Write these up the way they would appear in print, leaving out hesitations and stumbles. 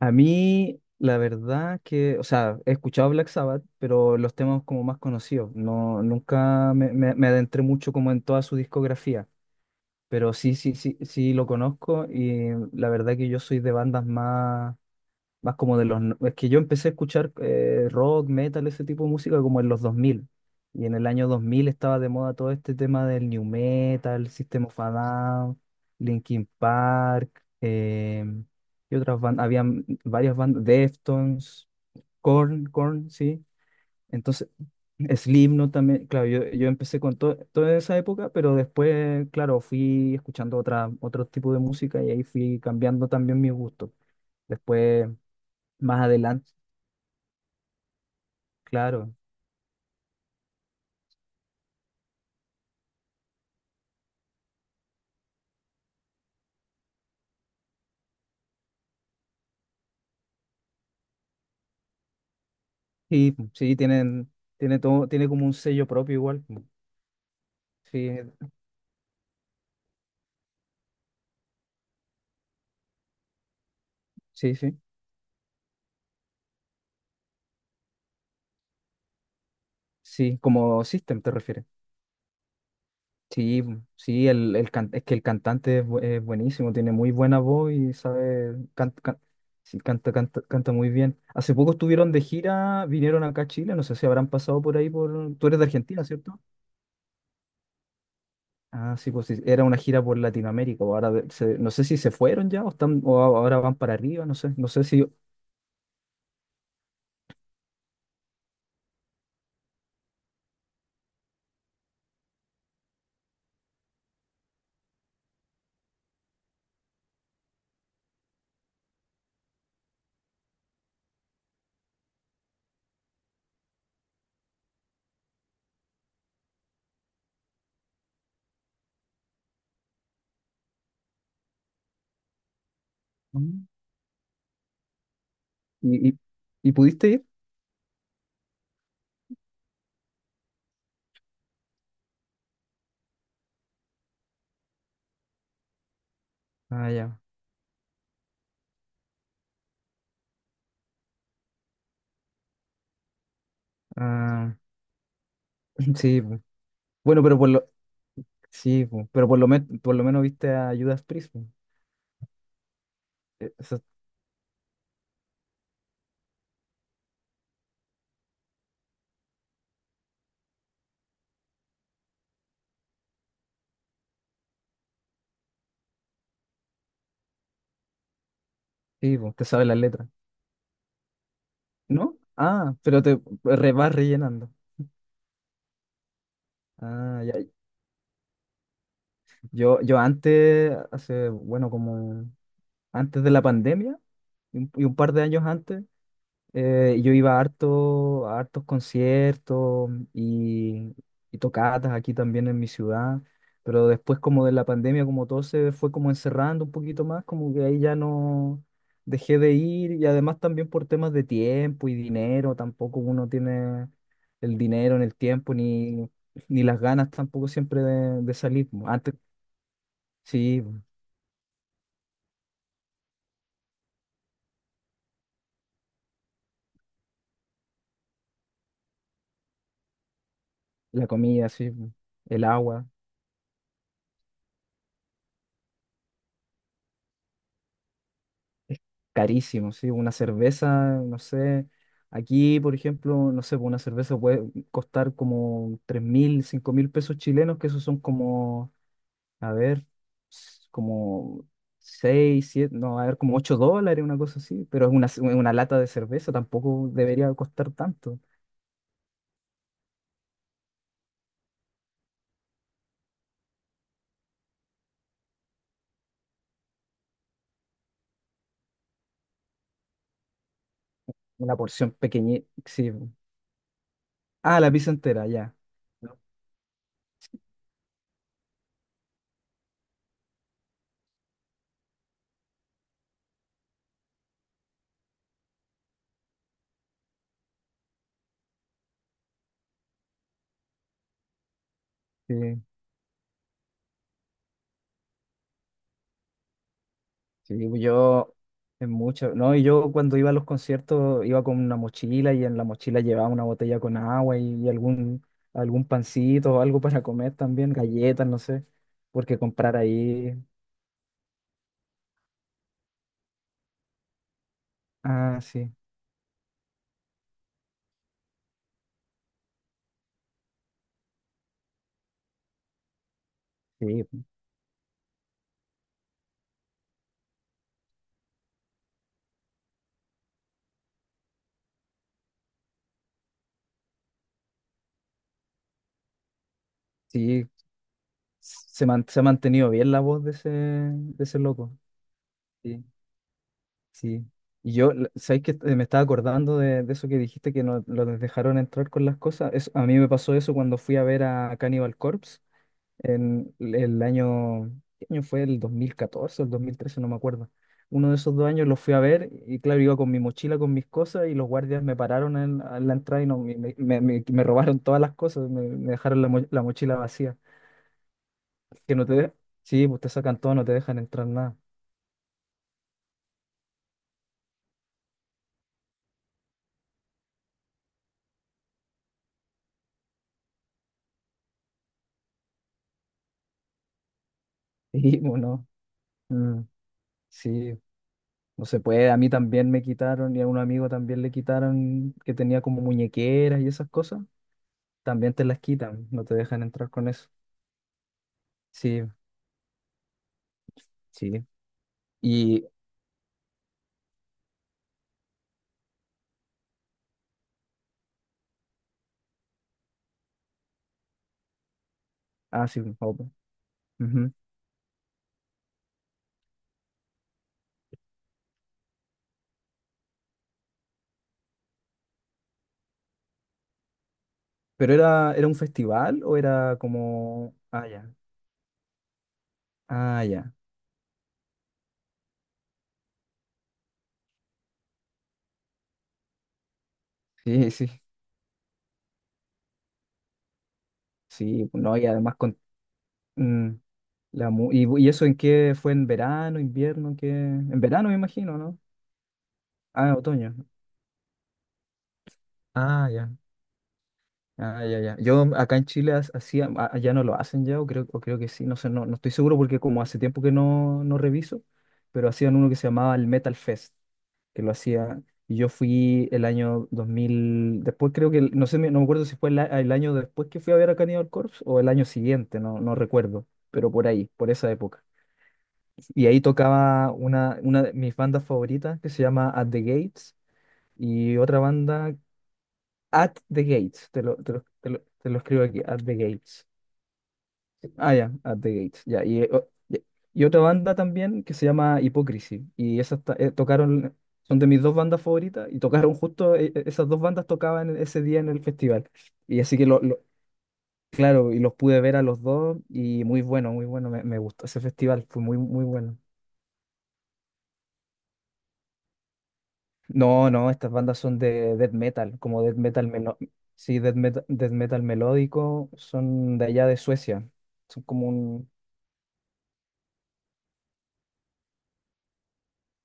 A mí, la verdad que, o sea, he escuchado Black Sabbath, pero los temas como más conocidos. No, nunca me adentré mucho como en toda su discografía, pero sí, sí, sí, sí lo conozco y la verdad que yo soy de bandas más... Más como de los... Es que yo empecé a escuchar rock, metal, ese tipo de música como en los 2000. Y en el año 2000 estaba de moda todo este tema del new metal: System of a Down, Linkin Park, y otras bandas. Habían varias bandas, Deftones, Korn, Korn, sí. Entonces, Slipknot también. Claro, yo empecé con toda esa época, pero después, claro, fui escuchando otro tipo de música y ahí fui cambiando también mis gustos. Después más adelante. Claro, sí, sí, tiene todo, tiene como un sello propio igual. Mm, Sí, sí, sí. Sí, como System te refieres. Sí, mm, sí, es que el cantante es buenísimo, tiene muy buena voz y sabe, canta, sí, canta, canta, canta muy bien. Hace poco estuvieron de gira, vinieron acá a Chile, no sé si habrán pasado por ahí por. Tú eres de Argentina, ¿cierto? Ah, sí, pues sí, era una gira por Latinoamérica, o ahora no sé si se fueron ya o están, o ahora van para arriba, no sé, no sé si. Mm. ¿Y, y- ¿Y pudiste ir? Ah, ya. Ah, sí, po. Bueno, pero sí, po. Pero por lo menos viste a Judas Priest, po. Eh, Eso, sí, po, te sabes las letras. ¿No? Ah, pero vas rellenando. Ah, ya. Yo antes, hace, bueno, como antes de la pandemia y un par de años antes, yo iba a hartos conciertos y tocatas aquí también en mi ciudad, pero después como de la pandemia, como todo se fue como encerrando un poquito más, como que ahí ya no dejé de ir y además también por temas de tiempo y dinero, tampoco uno tiene el dinero en el tiempo ni las ganas tampoco siempre de salir. Antes sí, la comida, sí, el agua. Carísimo, sí, una cerveza, no sé, aquí, por ejemplo, no sé, pues una cerveza puede costar como 3.000, 5.000 pesos chilenos, que esos son como, a ver, como 6, 7, no, a ver, como $8, una cosa así, pero es una lata de cerveza, tampoco debería costar tanto, una porción pequeña, sí. Ah, la pizza entera, ya. ¿No? Sí. Sí, pues, yo es mucho, ¿no? Y yo cuando iba a los conciertos iba con una mochila, y en la mochila llevaba una botella con agua y algún pancito o algo para comer también, galletas, no sé, porque comprar ahí, ah, sí, sí, sí, se ha mantenido bien la voz de ese, loco, sí, sí. Y yo, ¿sabes qué? Me estaba acordando de eso que dijiste, que no los dejaron entrar con las cosas. A mí me pasó eso cuando fui a ver a Cannibal Corpse, en el año, ¿qué año fue? El 2014 o el 2013, no me acuerdo. Uno de esos dos años los fui a ver y claro, iba con mi mochila, con mis cosas, y los guardias me pararon a la entrada y no, me robaron todas las cosas, me dejaron la mochila vacía. Que no te de- Sí, pues te sacan todo, no te dejan entrar nada. Sí, bueno. Mm, sí, no se puede. A mí también me quitaron, y a un amigo también le quitaron, que tenía como muñequeras y esas cosas. También te las quitan, no te dejan entrar con eso. Sí, sí. Y, ah, sí, Open. Ujú. ¿Pero era un festival o era como? Ah, ya. Ah, ya. Sí, sí, sí. No, y además con. Mm, la mu- y, ¿Y eso en qué fue? ¿En verano, invierno? ¿Qué? En verano me imagino, ¿no? Ah, otoño. Ah, ya. Ah, ya, ya. Yo acá en Chile hacía, allá no lo hacen ya, o creo que sí, no sé, no estoy seguro porque como hace tiempo que no reviso, pero hacían uno que se llamaba el Metal Fest, que lo hacía. Y yo fui el año 2000 después, creo que, no sé, no me acuerdo si fue el año después que fui a ver a Cannibal Corpse o el año siguiente, no recuerdo, pero por ahí, por esa época. Y ahí tocaba una de mis bandas favoritas, que se llama At the Gates, y otra banda, At the Gates, te lo escribo aquí, At the Gates. Ah, ya, At the Gates. Ya. Ya. Y otra banda también que se llama Hypocrisy. Y esas tocaron, son de mis dos bandas favoritas. Y tocaron justo, esas dos bandas tocaban ese día en el festival. Y así que claro, y los pude ver a los dos. Y muy bueno, muy bueno. Me gustó ese festival, fue muy, muy bueno. No, no, estas bandas son de death metal, como death metal melo, sí, death metal melódico, son de allá de Suecia. Son como un.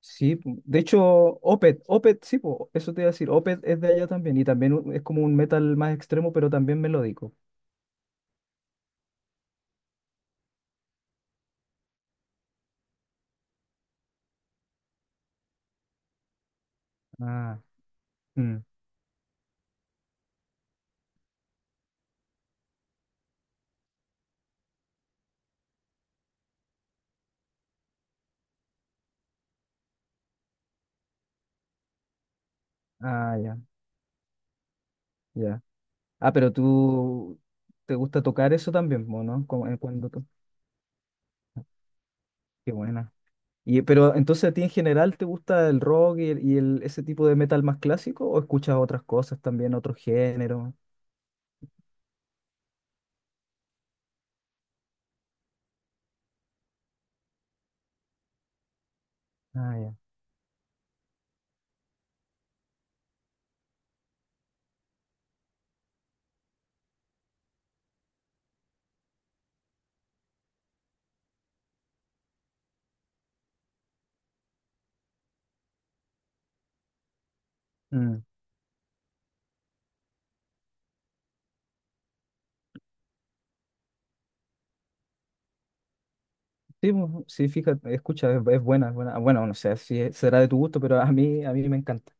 Sí, de hecho, Opeth, Opeth, sí, po, eso te iba a decir, Opeth es de allá también y también es como un metal más extremo, pero también melódico. Ah, mm, ah, ya, ya. Ah, pero tú te gusta tocar eso también, po, ¿no? Como, cuando to. Qué buena. Pero entonces a ti en general te gusta el rock ese tipo de metal más clásico, o escuchas otras cosas también, otros géneros? Ah, ya. Mm. Sí, po, sí, fíjate, escucha, es buena, es buena. Bueno, no sé si será de tu gusto, pero a mí me encanta.